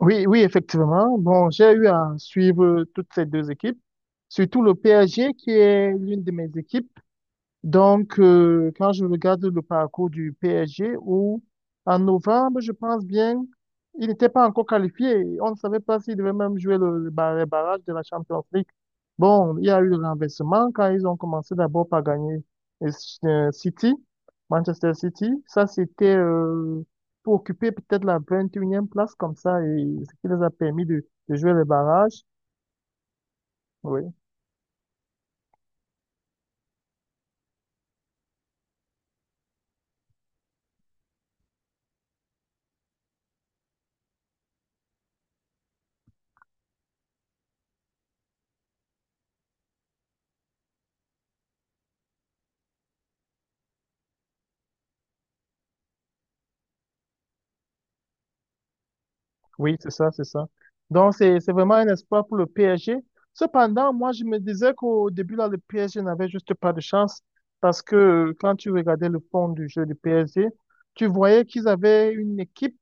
Oui, oui, effectivement. Bon, j'ai eu à suivre toutes ces deux équipes, surtout le PSG qui est l'une de mes équipes. Donc, quand je regarde le parcours du PSG, où en novembre, je pense bien, il n'était pas encore qualifié. On ne savait pas s'il devait même jouer les barrages de la Champions League. Bon, il y a eu le renversement quand ils ont commencé d'abord par gagner euh, City, Manchester City. Ça, c'était pour occuper peut-être la 21e place comme ça, et ce qui les a permis de jouer le barrage. Oui. Oui, c'est ça, c'est ça. Donc, c'est vraiment un espoir pour le PSG. Cependant, moi, je me disais qu'au début, là, le PSG n'avait juste pas de chance parce que quand tu regardais le fond du jeu du PSG, tu voyais qu'ils avaient une équipe,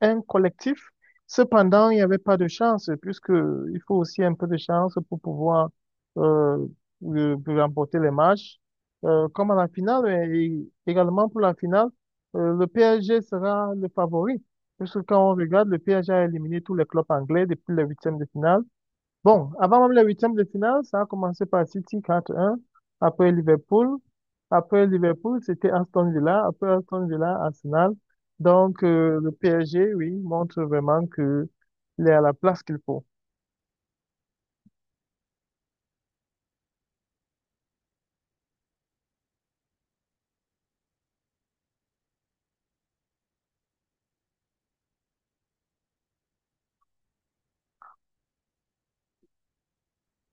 un collectif. Cependant, il n'y avait pas de chance puisque il faut aussi un peu de chance pour pouvoir euh, remporter les matchs. Comme à la finale, et également pour la finale, le PSG sera le favori. Puisque quand on regarde, le PSG a éliminé tous les clubs anglais depuis les huitièmes de finale. Bon, avant même les huitièmes de finale, ça a commencé par City 4-1, après Liverpool. Après Liverpool, c'était Aston Villa. Après Aston Villa, Arsenal. Donc, le PSG, oui, montre vraiment qu'il est à la place qu'il faut.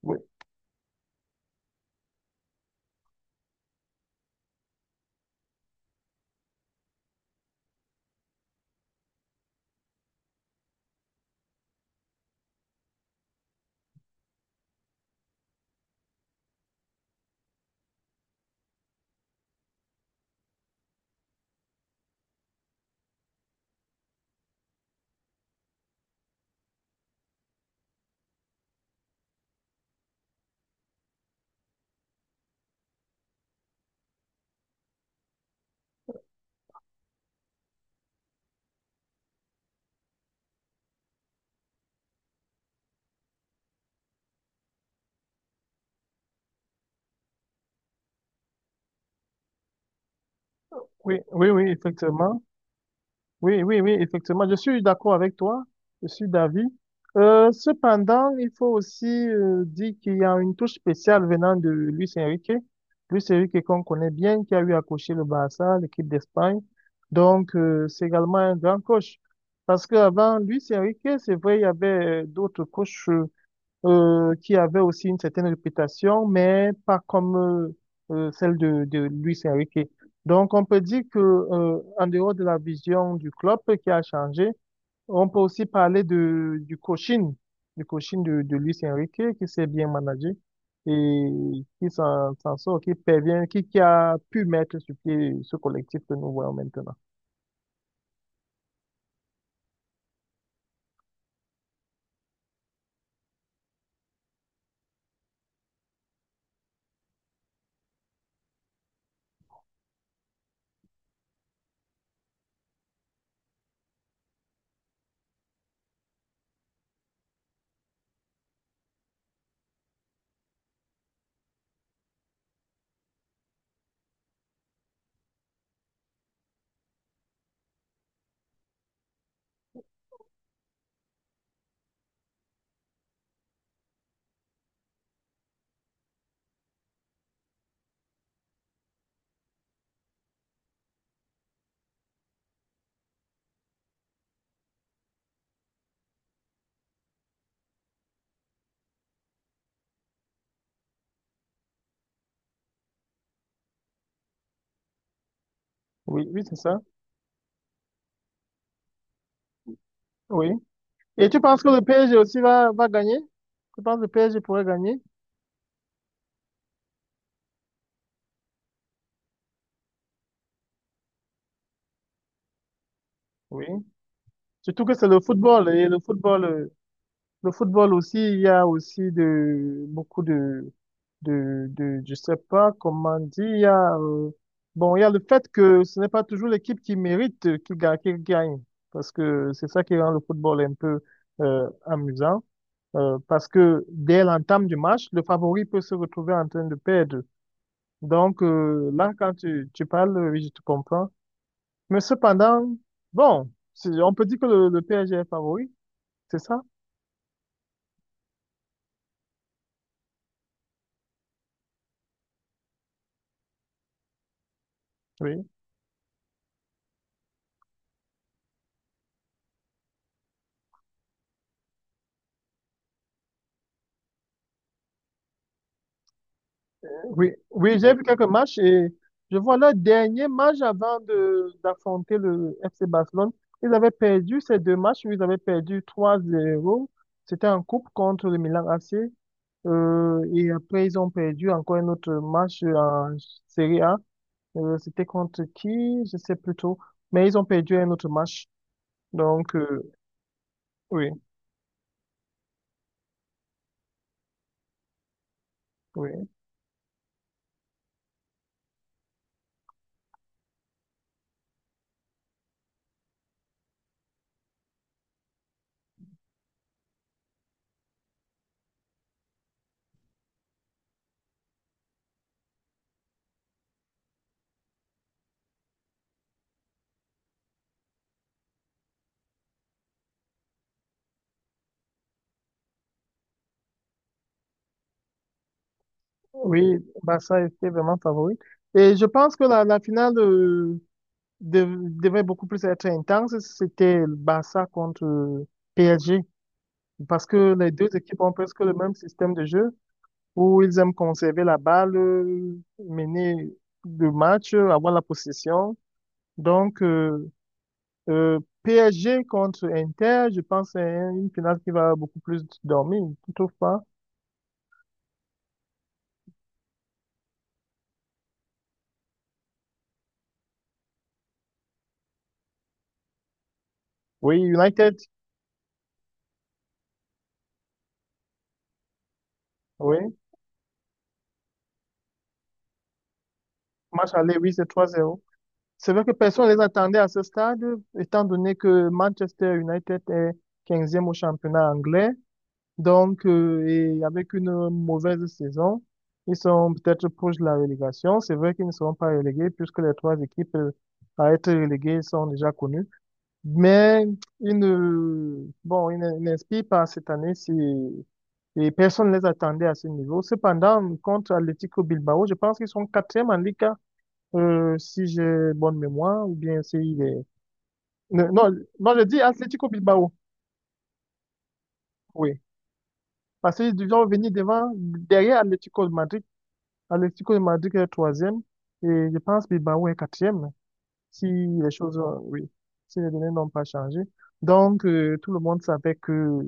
Oui, oui, oui, oui, effectivement. Oui, oui, oui, effectivement, je suis d'accord avec toi, je suis d'avis. Cependant, il faut aussi dire qu'il y a une touche spéciale venant de Luis Enrique. Luis Enrique qu'on connaît bien, qui a eu à coacher le Barça, l'équipe d'Espagne. Donc, c'est également un grand coach. Parce qu'avant Luis Enrique, c'est vrai, il y avait d'autres coachs qui avait aussi une certaine réputation, mais pas comme celle de Luis Enrique. Donc, on peut dire que en dehors de la vision du club qui a changé, on peut aussi parler du coaching de Luis Enrique qui s'est bien managé et qui s'en sort, qui parvient, qui a pu mettre sur pied ce collectif que nous voyons maintenant. Oui, oui, c'est ça. Oui. Et tu penses que le PSG aussi va gagner? Tu penses que le PSG pourrait gagner? Oui. Surtout que c'est le football et le football aussi, il y a aussi de beaucoup de je sais pas comment dire, il y a bon, il y a le fait que ce n'est pas toujours l'équipe qui mérite qui gagne parce que c'est ça qui rend le football un peu amusant parce que dès l'entame du match, le favori peut se retrouver en train de perdre. Donc là, quand tu parles, oui, je te comprends. Mais cependant, bon, on peut dire que le PSG est favori. C'est ça? Oui. Oui, oui, j'ai vu quelques matchs et je vois leur dernier match avant de d'affronter le FC Barcelone. Ils avaient perdu ces deux matchs, ils avaient perdu 3-0. C'était en coupe contre le Milan AC. Et après, ils ont perdu encore un autre match en Serie A. C'était contre qui? Je sais plus trop. Mais ils ont perdu un autre match. Donc, oui, oui, oui, Barça était vraiment favori. Et je pense que la finale, devait beaucoup plus être intense, c'était le Barça contre PSG. Parce que les deux équipes ont presque le même système de jeu où ils aiment conserver la balle, mener le match, avoir la possession. Donc, PSG contre Inter, je pense que c'est une finale qui va beaucoup plus dormir, tu trouves pas? Oui, United, oui. Match aller, oui, c'est 3-0. C'est vrai que personne ne les attendait à ce stade, étant donné que Manchester United est quinzième au championnat anglais. Donc, et avec une mauvaise saison, ils sont peut-être proches de la relégation. C'est vrai qu'ils ne seront pas relégués puisque les trois équipes à être reléguées sont déjà connues. Mais ils ne, bon, ils n'inspirent pas cette année si, et personne ne les attendait à ce niveau. Cependant, contre Atlético Bilbao, je pense qu'ils sont quatrième en Liga si j'ai bonne mémoire, ou bien si il est... Non, non, non, je dis Atlético Bilbao, oui. Parce qu'ils ont venir devant, derrière Atlético de Madrid. Atlético de Madrid est troisième, et je pense Bilbao est quatrième, si les choses, ont- oui, si les données n'ont pas changé. Donc, tout le monde savait que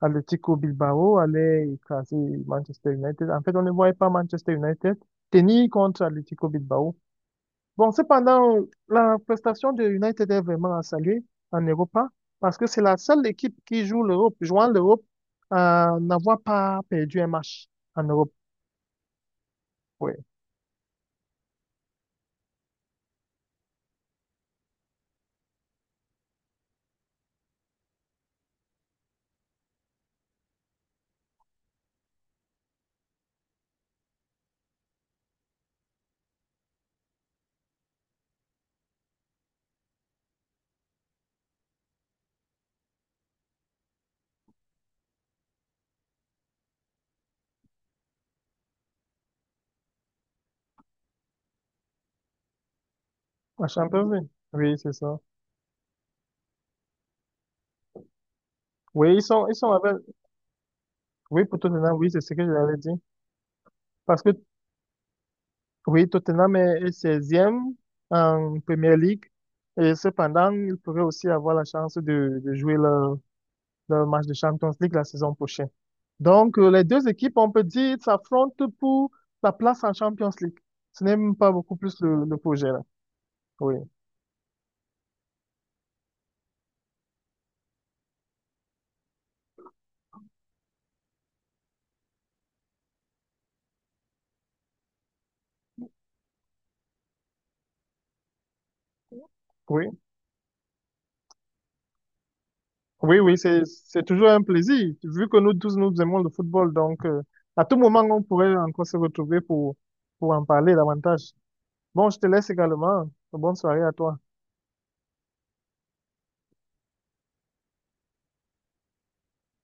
Atlético Bilbao allait écraser Manchester United. En fait, on ne voyait pas Manchester United tenir contre Atlético Bilbao. Bon, cependant, la prestation de United est vraiment à saluer en Europa parce que c'est la seule équipe qui joue l'Europe, jouant l'Europe, à n'avoir pas perdu un match en Europe. Oui, à Champions League. Oui, c'est ça. Oui, ils sont avec, oui, pour Tottenham, oui, c'est ce que j'avais dit. Parce que, oui, Tottenham est 16 en Première Ligue et cependant, ils pourraient aussi avoir la chance de jouer la dans le match de Champions League la saison prochaine. Donc, les deux équipes, on peut dire, s'affrontent pour la place en Champions League. Ce n'est même pas beaucoup plus le projet, là. Oui, oui, oui, oui, c'est toujours un plaisir, vu que nous tous, nous aimons le football. Donc, à tout moment, on pourrait encore se retrouver pour en parler davantage. Bon, je te laisse également. Bonne soirée à toi.